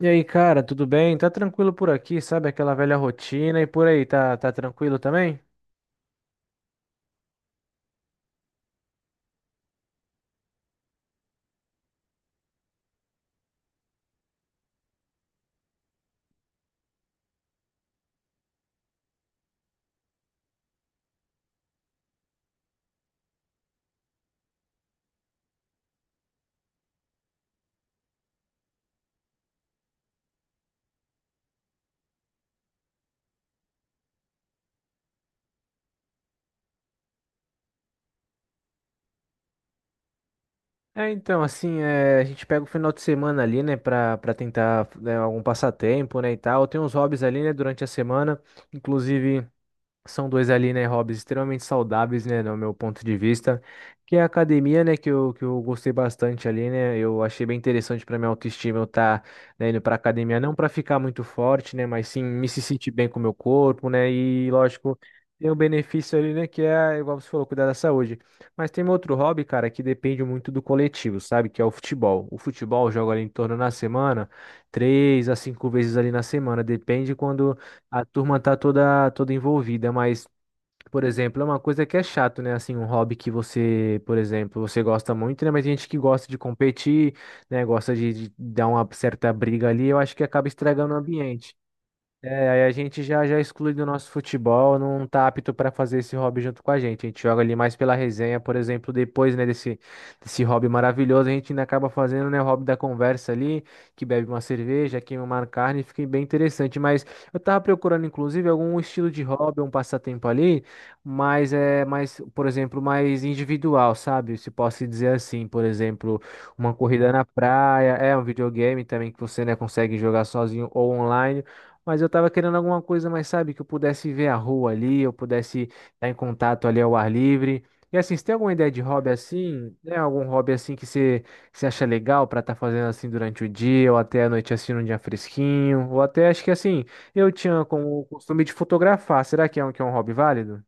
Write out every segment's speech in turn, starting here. E aí, cara, tudo bem? Tá tranquilo por aqui, sabe? Aquela velha rotina e por aí, tá tranquilo também? É, então, assim, é, a gente pega o final de semana ali, né, pra tentar, né, algum passatempo, né, e tal. Tem uns hobbies ali, né, durante a semana, inclusive. São dois ali, né, hobbies extremamente saudáveis, né, no meu ponto de vista, que é a academia, né, que eu gostei bastante ali, né, eu achei bem interessante para minha autoestima eu estar, né, indo para academia, não para ficar muito forte, né, mas sim me se sentir bem com o meu corpo, né, e lógico, tem o benefício ali, né, que é, igual você falou, cuidar da saúde. Mas tem um outro hobby, cara, que depende muito do coletivo, sabe, que é o futebol. O futebol eu jogo ali em torno na semana, três a cinco vezes ali na semana, depende quando a turma tá toda envolvida, mas, por exemplo, é uma coisa que é chato, né? Assim, um hobby que você, por exemplo, você gosta muito, né? Mas tem gente que gosta de competir, né? Gosta de dar uma certa briga ali, eu acho que acaba estragando o ambiente. É, aí a gente já já exclui do nosso futebol, não tá apto para fazer esse hobby junto com a gente. A gente joga ali mais pela resenha, por exemplo, depois, né, desse hobby maravilhoso, a gente ainda acaba fazendo, né, o hobby da conversa ali, que bebe uma cerveja, queima uma carne, fica bem interessante. Mas eu tava procurando, inclusive, algum estilo de hobby, um passatempo ali, mas é mais, por exemplo, mais individual, sabe? Se posso dizer assim, por exemplo, uma corrida na praia, é um videogame também que você, né, consegue jogar sozinho ou online. Mas eu tava querendo alguma coisa mais, sabe, que eu pudesse ver a rua ali, eu pudesse estar em contato ali ao ar livre. E assim, você tem alguma ideia de hobby assim, né? Algum hobby assim que você acha legal pra estar fazendo assim durante o dia, ou até a noite assim num dia fresquinho, ou até acho que assim, eu tinha como costume de fotografar. Será que é um hobby válido?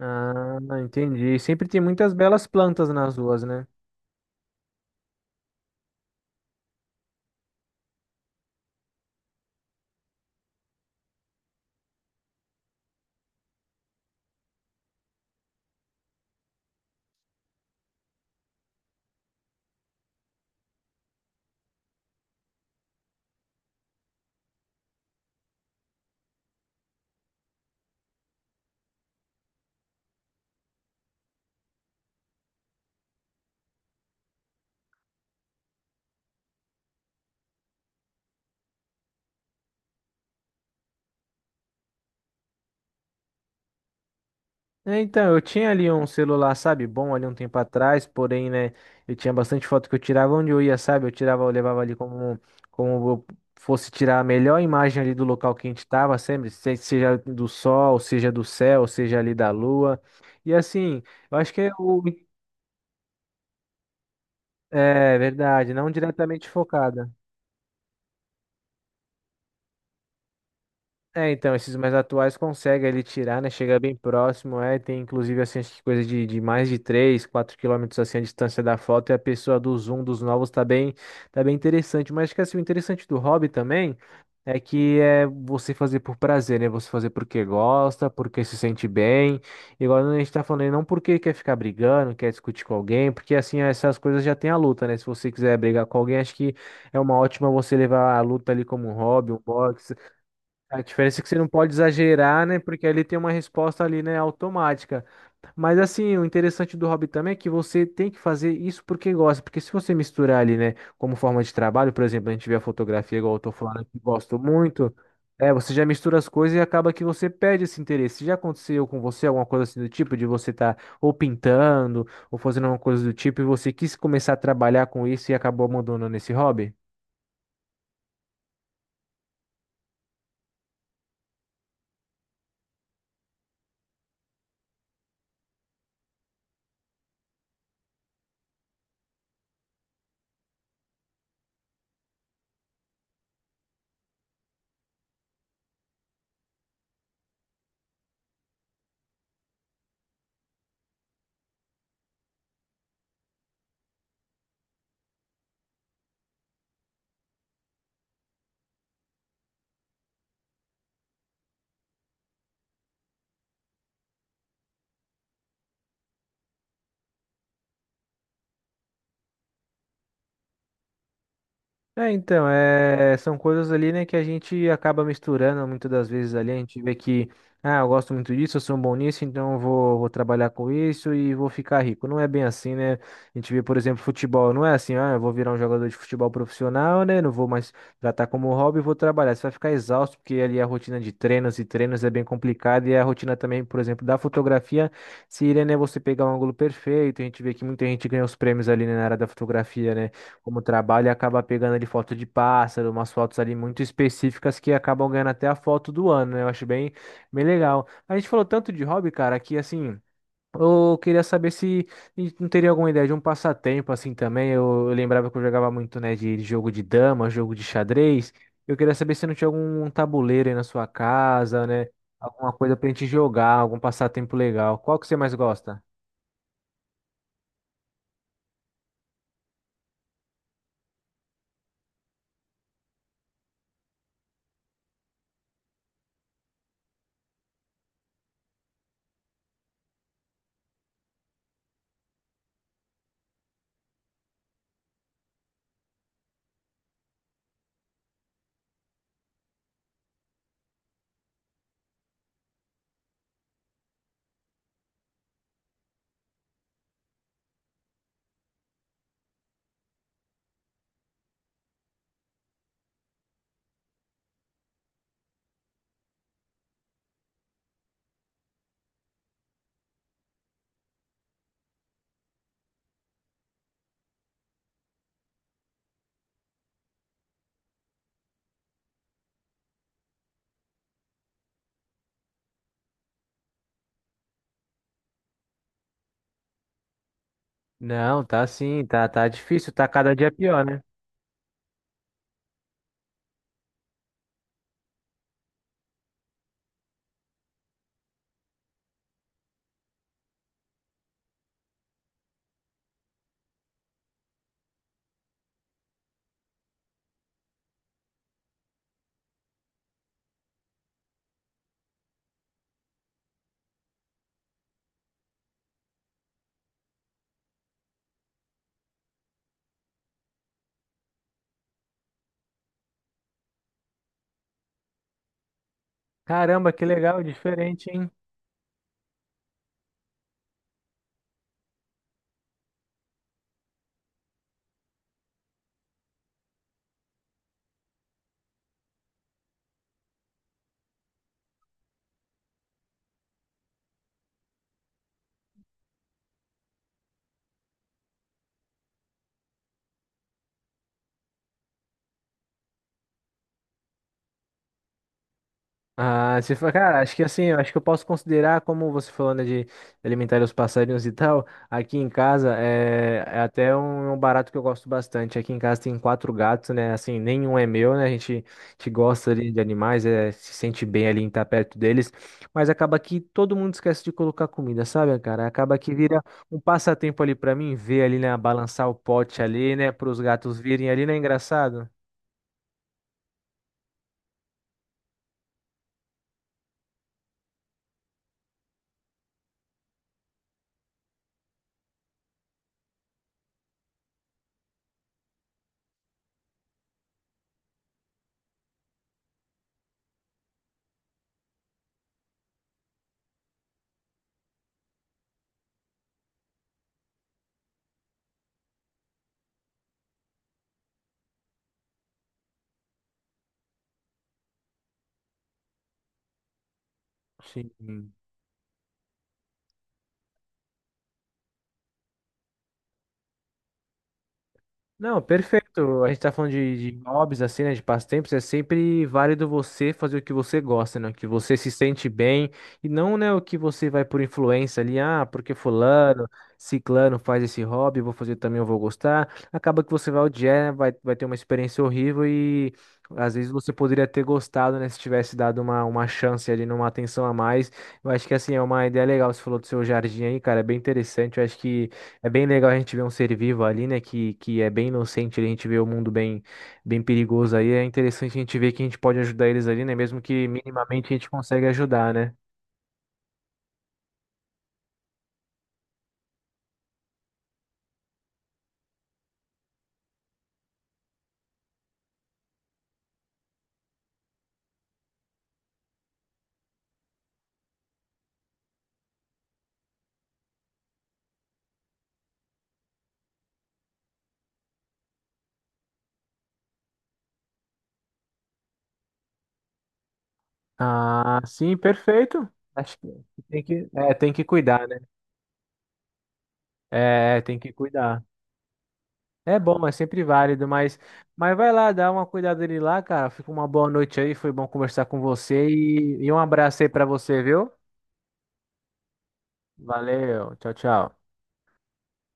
Ah, entendi. Sempre tem muitas belas plantas nas ruas, né? É, então, eu tinha ali um celular, sabe, bom ali um tempo atrás, porém, né, eu tinha bastante foto que eu tirava onde eu ia, sabe, eu tirava, eu levava ali como, como eu fosse tirar a melhor imagem ali do local que a gente tava, sempre, seja do sol, seja do céu, seja ali da lua, e assim, eu acho que é o, é verdade, não diretamente focada. É, então, esses mais atuais consegue ele tirar, né? Chega bem próximo, é. Tem inclusive assim, acho que coisa de mais de 3 4 quilômetros assim a distância da foto e a pessoa do zoom dos novos tá bem interessante. Mas acho que assim, o interessante do hobby também é que é você fazer por prazer, né? Você fazer porque gosta, porque se sente bem. Igual a gente tá falando aí, não porque quer ficar brigando, quer discutir com alguém, porque assim, essas coisas já tem a luta, né? Se você quiser brigar com alguém, acho que é uma ótima você levar a luta ali como um hobby, um box. A diferença é que você não pode exagerar, né? Porque ele tem uma resposta ali, né, automática. Mas assim, o interessante do hobby também é que você tem que fazer isso porque gosta. Porque se você misturar ali, né, como forma de trabalho, por exemplo, a gente vê a fotografia, igual eu tô falando, que gosto muito, é, você já mistura as coisas e acaba que você perde esse interesse. Já aconteceu com você alguma coisa assim do tipo, de você estar ou pintando, ou fazendo alguma coisa do tipo, e você quis começar a trabalhar com isso e acabou abandonando esse hobby? É, então, é, são coisas ali, né, que a gente acaba misturando muitas das vezes ali. A gente vê que, ah, eu gosto muito disso, eu sou um bom nisso, então eu vou trabalhar com isso e vou ficar rico. Não é bem assim, né? A gente vê, por exemplo, futebol, não é assim, ah, eu vou virar um jogador de futebol profissional, né? Não vou mais tratar como um hobby, vou trabalhar. Você vai ficar exausto, porque ali é a rotina de treinos e treinos é bem complicada e é a rotina também, por exemplo, da fotografia seria, né, você pegar um ângulo perfeito. A gente vê que muita gente ganha os prêmios ali, né, na área da fotografia, né? Como trabalho e acaba pegando ali foto de pássaro, umas fotos ali muito específicas que acabam ganhando até a foto do ano, né? Eu acho bem, bem legal. A gente falou tanto de hobby, cara, que assim. Eu queria saber se a gente não teria alguma ideia de um passatempo assim também. Eu lembrava que eu jogava muito, né, de jogo de dama, jogo de xadrez. Eu queria saber se não tinha algum um tabuleiro aí na sua casa, né? Alguma coisa pra gente jogar, algum passatempo legal. Qual que você mais gosta? Não, tá sim, tá difícil, tá cada dia pior, né? Caramba, que legal, diferente, hein? Ah, cara, acho que assim, eu acho que eu posso considerar, como você falou, né, de alimentar os passarinhos e tal, aqui em casa é, é até um barato que eu gosto bastante. Aqui em casa tem quatro gatos, né, assim, nenhum é meu, né, a gente gosta ali de animais, é, se sente bem ali em estar perto deles, mas acaba que todo mundo esquece de colocar comida, sabe, cara? Acaba que vira um passatempo ali pra mim, ver ali, né, balançar o pote ali, né, para os gatos virem ali, né, engraçado? Sim. Não, perfeito. A gente tá falando de hobbies, assim, né? De passatempos. É sempre válido você fazer o que você gosta, né? O que você se sente bem. E não, né, o que você vai por influência ali. Ah, porque fulano, ciclano faz esse hobby, eu vou fazer também, eu vou gostar. Acaba que você vai odiar, né, vai ter uma experiência horrível e às vezes você poderia ter gostado, né? Se tivesse dado uma chance ali, numa atenção a mais. Eu acho que, assim, é uma ideia legal. Você falou do seu jardim aí, cara. É bem interessante. Eu acho que. É bem legal a gente ver um ser vivo ali, né, que é bem inocente, a gente vê o mundo bem, bem perigoso aí. É interessante a gente ver que a gente pode ajudar eles ali, né, mesmo que minimamente a gente consegue ajudar, né? Ah, sim, perfeito. Acho que tem que, é, tem que cuidar, né? É, tem que cuidar. É bom, é sempre válido, mas vai lá, dá uma cuidada dele lá, cara. Fica uma boa noite aí, foi bom conversar com você e um abraço aí pra você, viu? Valeu, tchau, tchau.